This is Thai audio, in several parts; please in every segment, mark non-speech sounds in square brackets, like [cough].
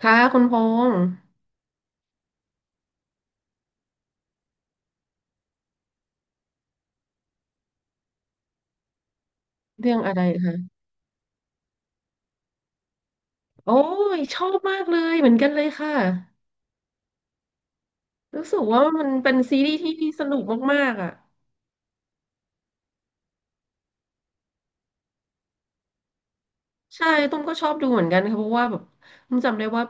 ค่ะคุณพงษ์เรื่องอะไรคะโอ้ยชอบมากเลยเหมือนกันเลยค่ะรู้สึกว่ามันเป็นซีรีส์ที่สนุกมากๆอ่ะ ใช่ตุ้มก็ชอบดูเหมือนกันค่ะเพราะว่าแบบตุ้มจำได้ว่า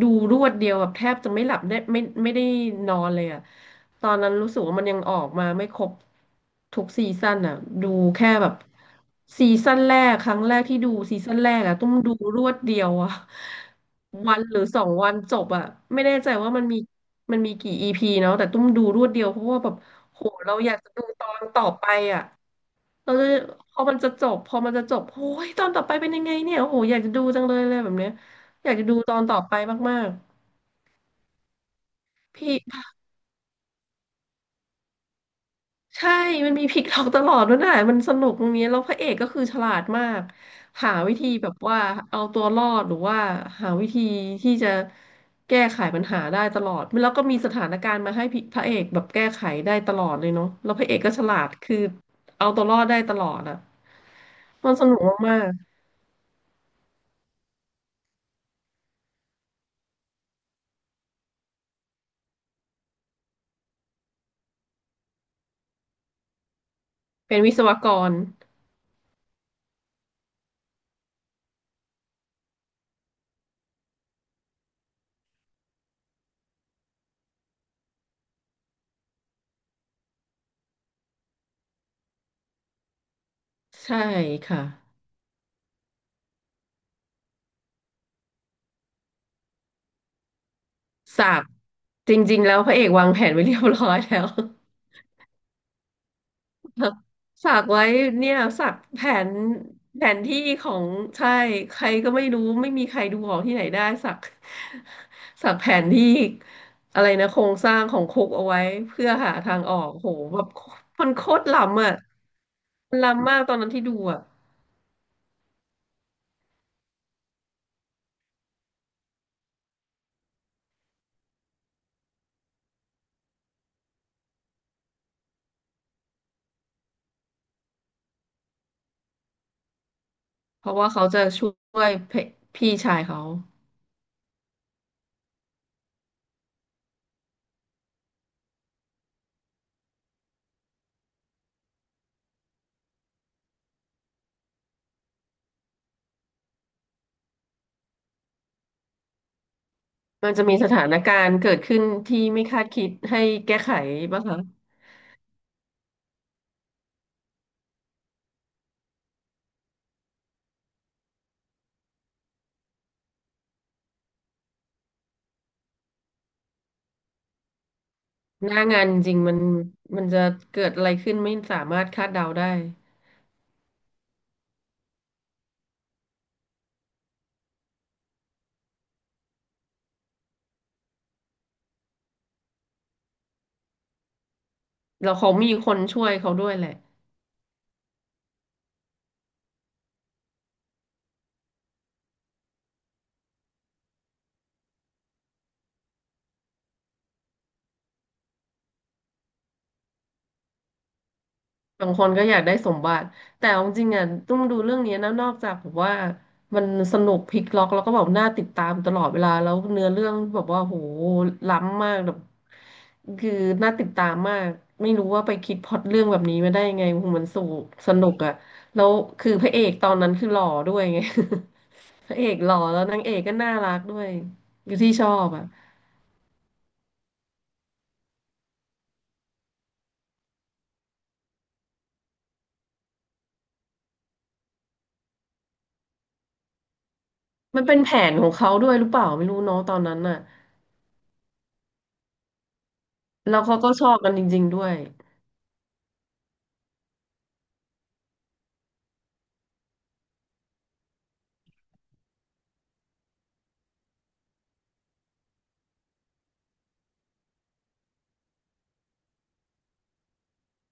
ดูรวดเดียวแบบแทบจะไม่หลับได้ไม่ได้นอนเลยอ่ะตอนนั้นรู้สึกว่ามันยังออกมาไม่ครบทุกซีซั่นอ่ะดูแค่แบบซีซั่นแรกครั้งแรกที่ดูซีซั่นแรกอ่ะตุ้มดูรวดเดียวอ่ะวันหรือสองวันจบอ่ะไม่แน่ใจว่ามันมีกี่อีพีเนาะแต่ตุ้มดูรวดเดียวเพราะว่าแบบ โหเราอยากจะดูตอนต่อไปอ่ะเราจะพอมันจะจบโอ้ยตอนต่อไปเป็นยังไงเนี่ยโอ้โหอยากจะดูจังเลยเลยแบบเนี้ยอยากจะดูตอนต่อไปมากๆพี่ใช่มันมีพลิกล็อกตลอดด้วยนะมันสนุกตรงนี้แล้วพระเอกก็คือฉลาดมากหาวิธีแบบว่าเอาตัวรอดหรือว่าหาวิธีที่จะแก้ไขปัญหาได้ตลอดแล้วก็มีสถานการณ์มาให้พี่พระเอกแบบแก้ไขได้ตลอดเลยเนาะแล้วพระเอกก็ฉลาดคือเอาตัวรอดได้ตลอดอะ มันสนุกมากๆเป็นวิศวกร ใช่ค่ะ สักจริงๆแล้วพระเอกวางแผนไว้เรียบร้อยแล้ว [laughs] สักไว้เนี่ยสักแผนแผนที่ของใช่ใครก็ไม่รู้ไม่มีใครดูออกที่ไหนได้สัก [laughs] สักแผนที่อะไรนะโครงสร้างของคุกเอาไว้เพื่อหาทางออกโหแบบมันโคตรล้ำอ่ะมันล้ำมากตอนนั้นที่ดูอ่ะเพราะว่าเขาจะช่วยพี่ชายเขา มันจะมีสถานการณ์เกิดขึ้นที่ไม่คาดคิดให้แก้ไขบ้างคะหน้างานจริงมันมันจะเกิดอะไรขึ้นไม่สามารถคาดเดาได้เราเขามีคนช่วยเขาด้วยแหละ บางคนก็อยากได้สมบัติแต่เอาจริงๆอ่ะต้องดูเรื่องนี้นะนอกจากแบบว่ามันสนุกพลิกล็อกแล้วก็แบบน่าติดตามตลอดเวลาแล้วเนื้อเรื่องแบบว่าโหล้ำมากแบบคือน่าติดตามมากไม่รู้ว่าไปคิดพล็อตเรื่องแบบนี้มาได้ยังไงโหมันสูสนุกอ่ะแล้วคือพระเอกตอนนั้นคือหล่อด้วยไง [laughs] พระเอกหล่อแล้วนางเอกก็น่ารักด้วยอยู่ที่ชอบอ่ะมันเป็นแผนของเขาด้วยหรือเปล่าไม่รู้เนาะตอนนั้นน่ะแล้วเขาก็ชอบกันจริงๆด้วย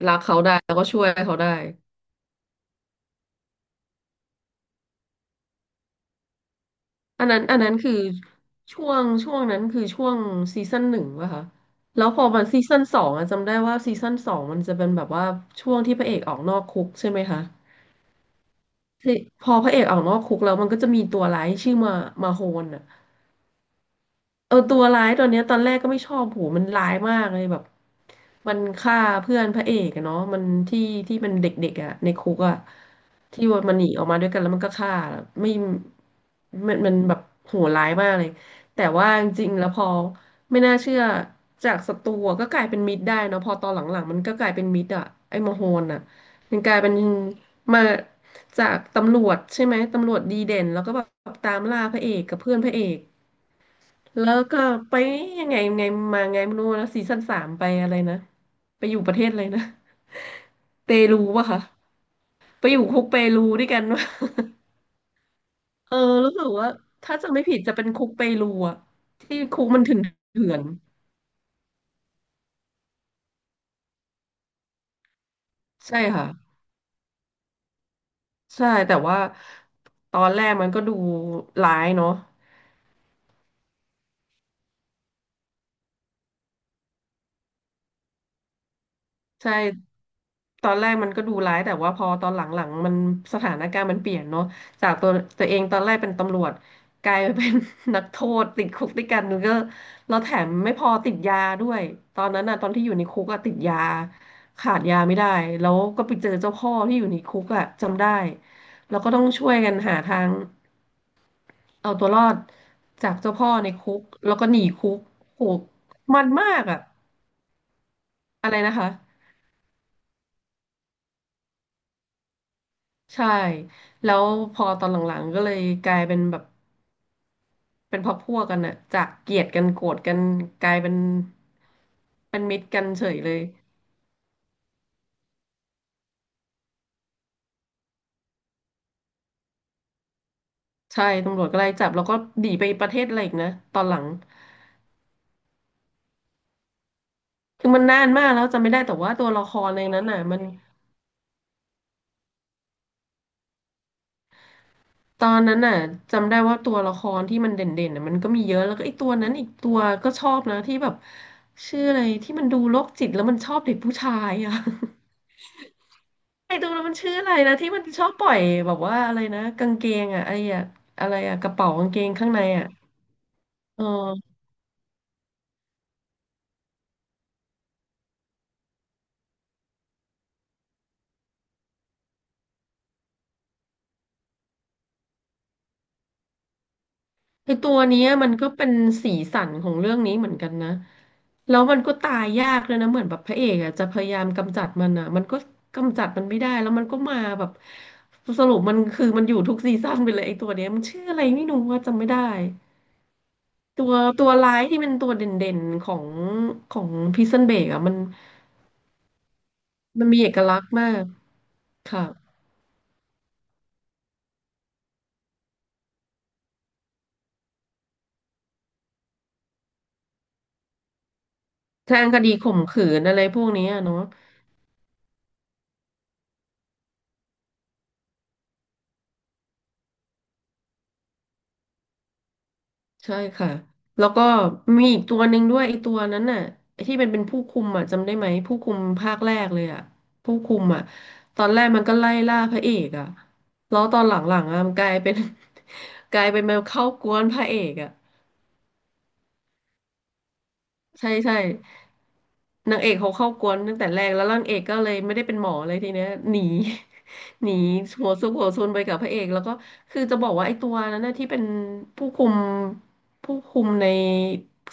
รักเขาได้แล้วก็ช่วยเขาได้ อันนั้นคือช่วงนั้นคือช่วงซีซั่นหนึ่งป่ะคะแล้วพอมันซีซั่นสองอะจำได้ว่าซีซั่นสองมันจะเป็นแบบว่าช่วงที่พระเอกออกนอกคุกใช่ไหมคะที่พอพระเอกออกนอกคุกแล้วมันก็จะมีตัวร้ายชื่อมาโฮนอะ เออตัวร้ายตัวเนี้ยตอนแรกก็ไม่ชอบโหมันร้ายมากเลยแบบมันฆ่าเพื่อนพระเอกอะเนาะมันที่ที่มันเด็กๆอะในคุกอะที่ว่ามันหนีออกมาด้วยกันแล้วมันก็ฆ่าไม่มันแบบโหดร้ายมากเลยแต่ว่าจริงๆแล้วพอไม่น่าเชื่อจากศัตรูอะก็กลายเป็นมิตรได้เนาะพอตอนหลังๆมันก็กลายเป็นมิตรอะไอ้มโหนอะมันกลายเป็นมาจากตำรวจใช่ไหมตำรวจดีเด่นแล้วก็แบบตามล่าพระเอกกับเพื่อนพระเอก แล้วก็ไปยังไงไงมาไงไม่รู้นะซีซั่นสามไปอะไรนะไปอยู่ประเทศอะไรนะเปรูป่ะคะไปอยู่คุกเปรูด้วยกันวะ [laughs] เออรู้สึกว่าถ้าจะไม่ผิดจะเป็นคุกเปรูอะที่คุกมันเถื่อนๆใช่ค่ะใช่แต่ว่าตอนแรกมันก็ดูร้ายเนาะ ใช่ตอนแรกมันก็ดูร้ายแต่ว่าพอตอนหลังๆมันสถานการณ์มันเปลี่ยนเนาะจากตัวเองตอนแรกเป็นตำรวจกลายมาเป็น [laughs] นักโทษติดคุกด้วยกันก็แล้วแถมไม่พอติดยาด้วยตอนนั้นน่ะตอนที่อยู่ในคุกอะติดยาขาดยาไม่ได้แล้วก็ไปเจอเจ้าพ่อที่อยู่ในคุกอะจำได้แล้วก็ต้องช่วยกันหาทางเอาตัวรอดจากเจ้าพ่อในคุกแล้วก็หนีคุกโหมันมากอะอะไรนะคะ ใช่ แล้วพอตอนหลังๆก็เลยกลายเป็นแบบเป็นพักพวกกันอะจากเกลียดกันโกรธกันกลายเป็นมิตรกันเฉยเลยใช่ตำรวจก็ไล่จับแล้วก็หนีไปประเทศอะไรอีกนะตอนหลังคือมันนานมากแล้วจำไม่ได้แต่ว่าตัวละครในนั้นน่ะมันตอนนั้นน่ะจำได้ว่าตัวละครที่มันเด่นๆน่ะมันก็มีเยอะแล้วก็ไอ้ตัวนั้นอีกตัวก็ชอบนะที่แบบชื่ออะไรที่มันดูโรคจิตแล้วมันชอบเด็กผู้ชายอะ ไอ้ตรงนั้นมันชื่ออะไรนะที่มันชอบปล่อยแบบว่าอะไรนะกางเกงอะไอ้อะอะไรอะกระเป๋ากางเกงข้างในอะเออคือตัวเนี้ยมันก็เป็นสีสันของเรื่องนี้เหมือนกันนะแล้วมันก็ตายยากเลยนะเหมือนแบบพระเอกอะจะพยายามกำจัดมันอะมันก็กำจัดมันไม่ได้แล้วมันก็มาแบบสรุปมันคือมันอยู่ทุกซีซั่นไปเลยไอ้ตัวเนี้ยมันชื่ออะไรไม่รู้ว่าจำไม่ได้ตัวตัวร้ายที่เป็นตัวเด่นๆของของพิซซันเบกอะมันมีเอกลักษณ์มากค่ะ แทางคดีข่มขืนอะไรพวกนี้อะเนาะใช่ค่ะแล้วก็มีอีกตัวหนึ่งด้วยไอ้ตัวนั้นน่ะไอ้ที่เป็นผู้คุมอ่ะจำได้ไหมผู้คุมภาคแรกเลยอ่ะผู้คุมอ่ะตอนแรกมันก็ไล่ล่าพระเอกอ่ะแล้วตอนหลังๆอ่ะมันกลายเป็น [laughs] กลายเป็นมาเข้ากวนพระเอกอ่ะใช่ใช่ นางเอกเขาเข้ากวนตั้งแต่แรกแล้วนางเอกก็เลยไม่ได้เป็นหมอเลยทีเนี้ยหนี [laughs] หนีหัวซุกหัวซนไปกับพระเอกแล้วก็คือจะบอกว่าไอ้ตัวนั้นนะที่เป็นผู้คุมผู้คุมใน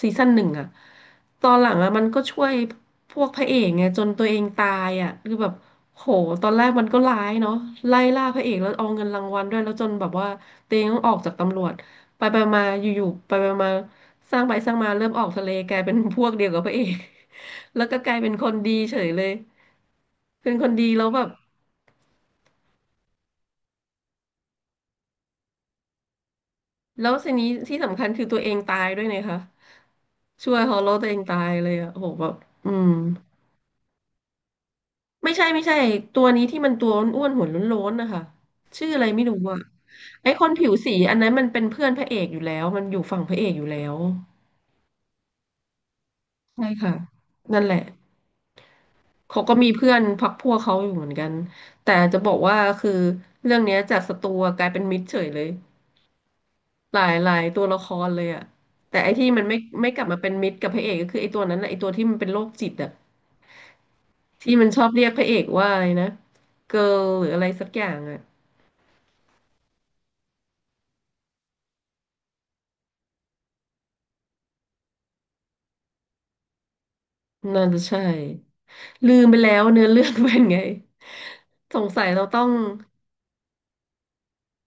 ซีซั่น 1อะตอนหลังอะมันก็ช่วยพวกพระเอกไงจนตัวเองตายอะคือแบบโหตอนแรกมันก็ร้ายเนาะไล่ล่าพระเอกแล้วเอาเงินรางวัลด้วยแล้วจนแบบว่าตัวเองต้องออกจากตำรวจไปไปมาอยู่ๆไปไปมาสร้างไปสร้างมาเริ่มออกทะเลกลายเป็นพวกเดียวกับพระเอก แล้วก็กลายเป็นคนดีเฉยเลย เป็นคนดีแล้วแบบแล้วทีนี้ที่สำคัญคือตัวเองตายด้วยนะคะช่วยฮอลโลตัวเองตายเลยอะโอ้โหแบบอืมไม่ใช่ตัวนี้ที่มันตัวอ้วนๆหัวโล้นๆนะคะชื่ออะไรไม่รู้อะไอ้คนผิวสีอันนั้นมันเป็นเพื่อนพระเอกอยู่แล้วมันอยู่ฝั่งพระเอกอยู่แล้วใช่ค่ะนั่นแหละเขาก็มีเพื่อนพรรคพวกเขาอยู่เหมือนกันแต่จะบอกว่าคือเรื่องเนี้ยจากศัตรูกลายเป็นมิตรเฉยเลย หลายตัวละครเลยอะแต่ไอ้ที่มันไม่กลับมาเป็นมิตรกับพระเอกก็คือไอ้ตัวนั้นแหละไอ้ตัวที่มันเป็นโรคจิตอะที่มันชอบเรียกพระเอกว่าอะไรนะเกิร์ลหรืออะไรสักอย่างอะน่าจะใช่ลืมไปแล้วเนื้อเรื่องเป็นไงสงสัยเราต้อง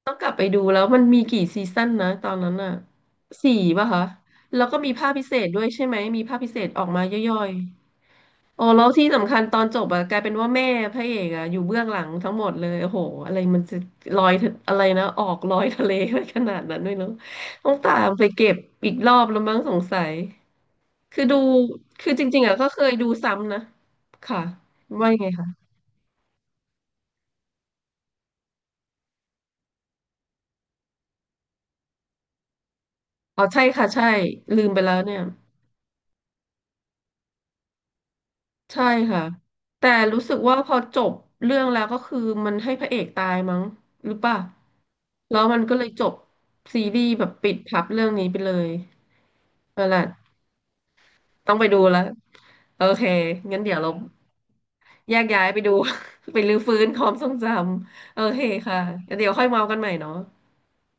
ต้องกลับไปดูแล้วมันมีกี่ซีซั่นนะตอนนั้นอะสี่ป่ะคะแล้วก็มีภาคพิเศษด้วยใช่ไหมมีภาคพิเศษออกมาย่อยๆ อ๋อแล้วที่สำคัญตอนจบอะกลายเป็นว่าแม่พระเอกอะอยู่เบื้องหลังทั้งหมดเลยโอ้โหอะไรมันจะลอยทะอะไรนะออกลอยทะเลไปขนาดนั้นด้วยเนาะต้องตามไปเก็บอีกรอบแล้วมั้งสงสัยคือดูคือจริงๆอะก็เคยดูซ้ำนะค่ะว่ายังไงคะอ๋อใช่ค่ะใช่ลืมไปแล้วเนี่ยใช่ค่ะแต่รู้สึกว่าพอจบเรื่องแล้วก็คือมันให้พระเอกตายมั้งหรือเปล่าแล้วมันก็เลยจบซีรีส์แบบปิดพับเรื่องนี้ไปเลยนั่นแหละ ต้องไปดูแล้วโอเค งั้นเดี๋ยวเราแยกย้ายไปดู [laughs] ไปรื้อฟื้นความทรงจำโอเคค่ะ งั้นเดี๋ยวค่อยเมากันใหม่เนาะ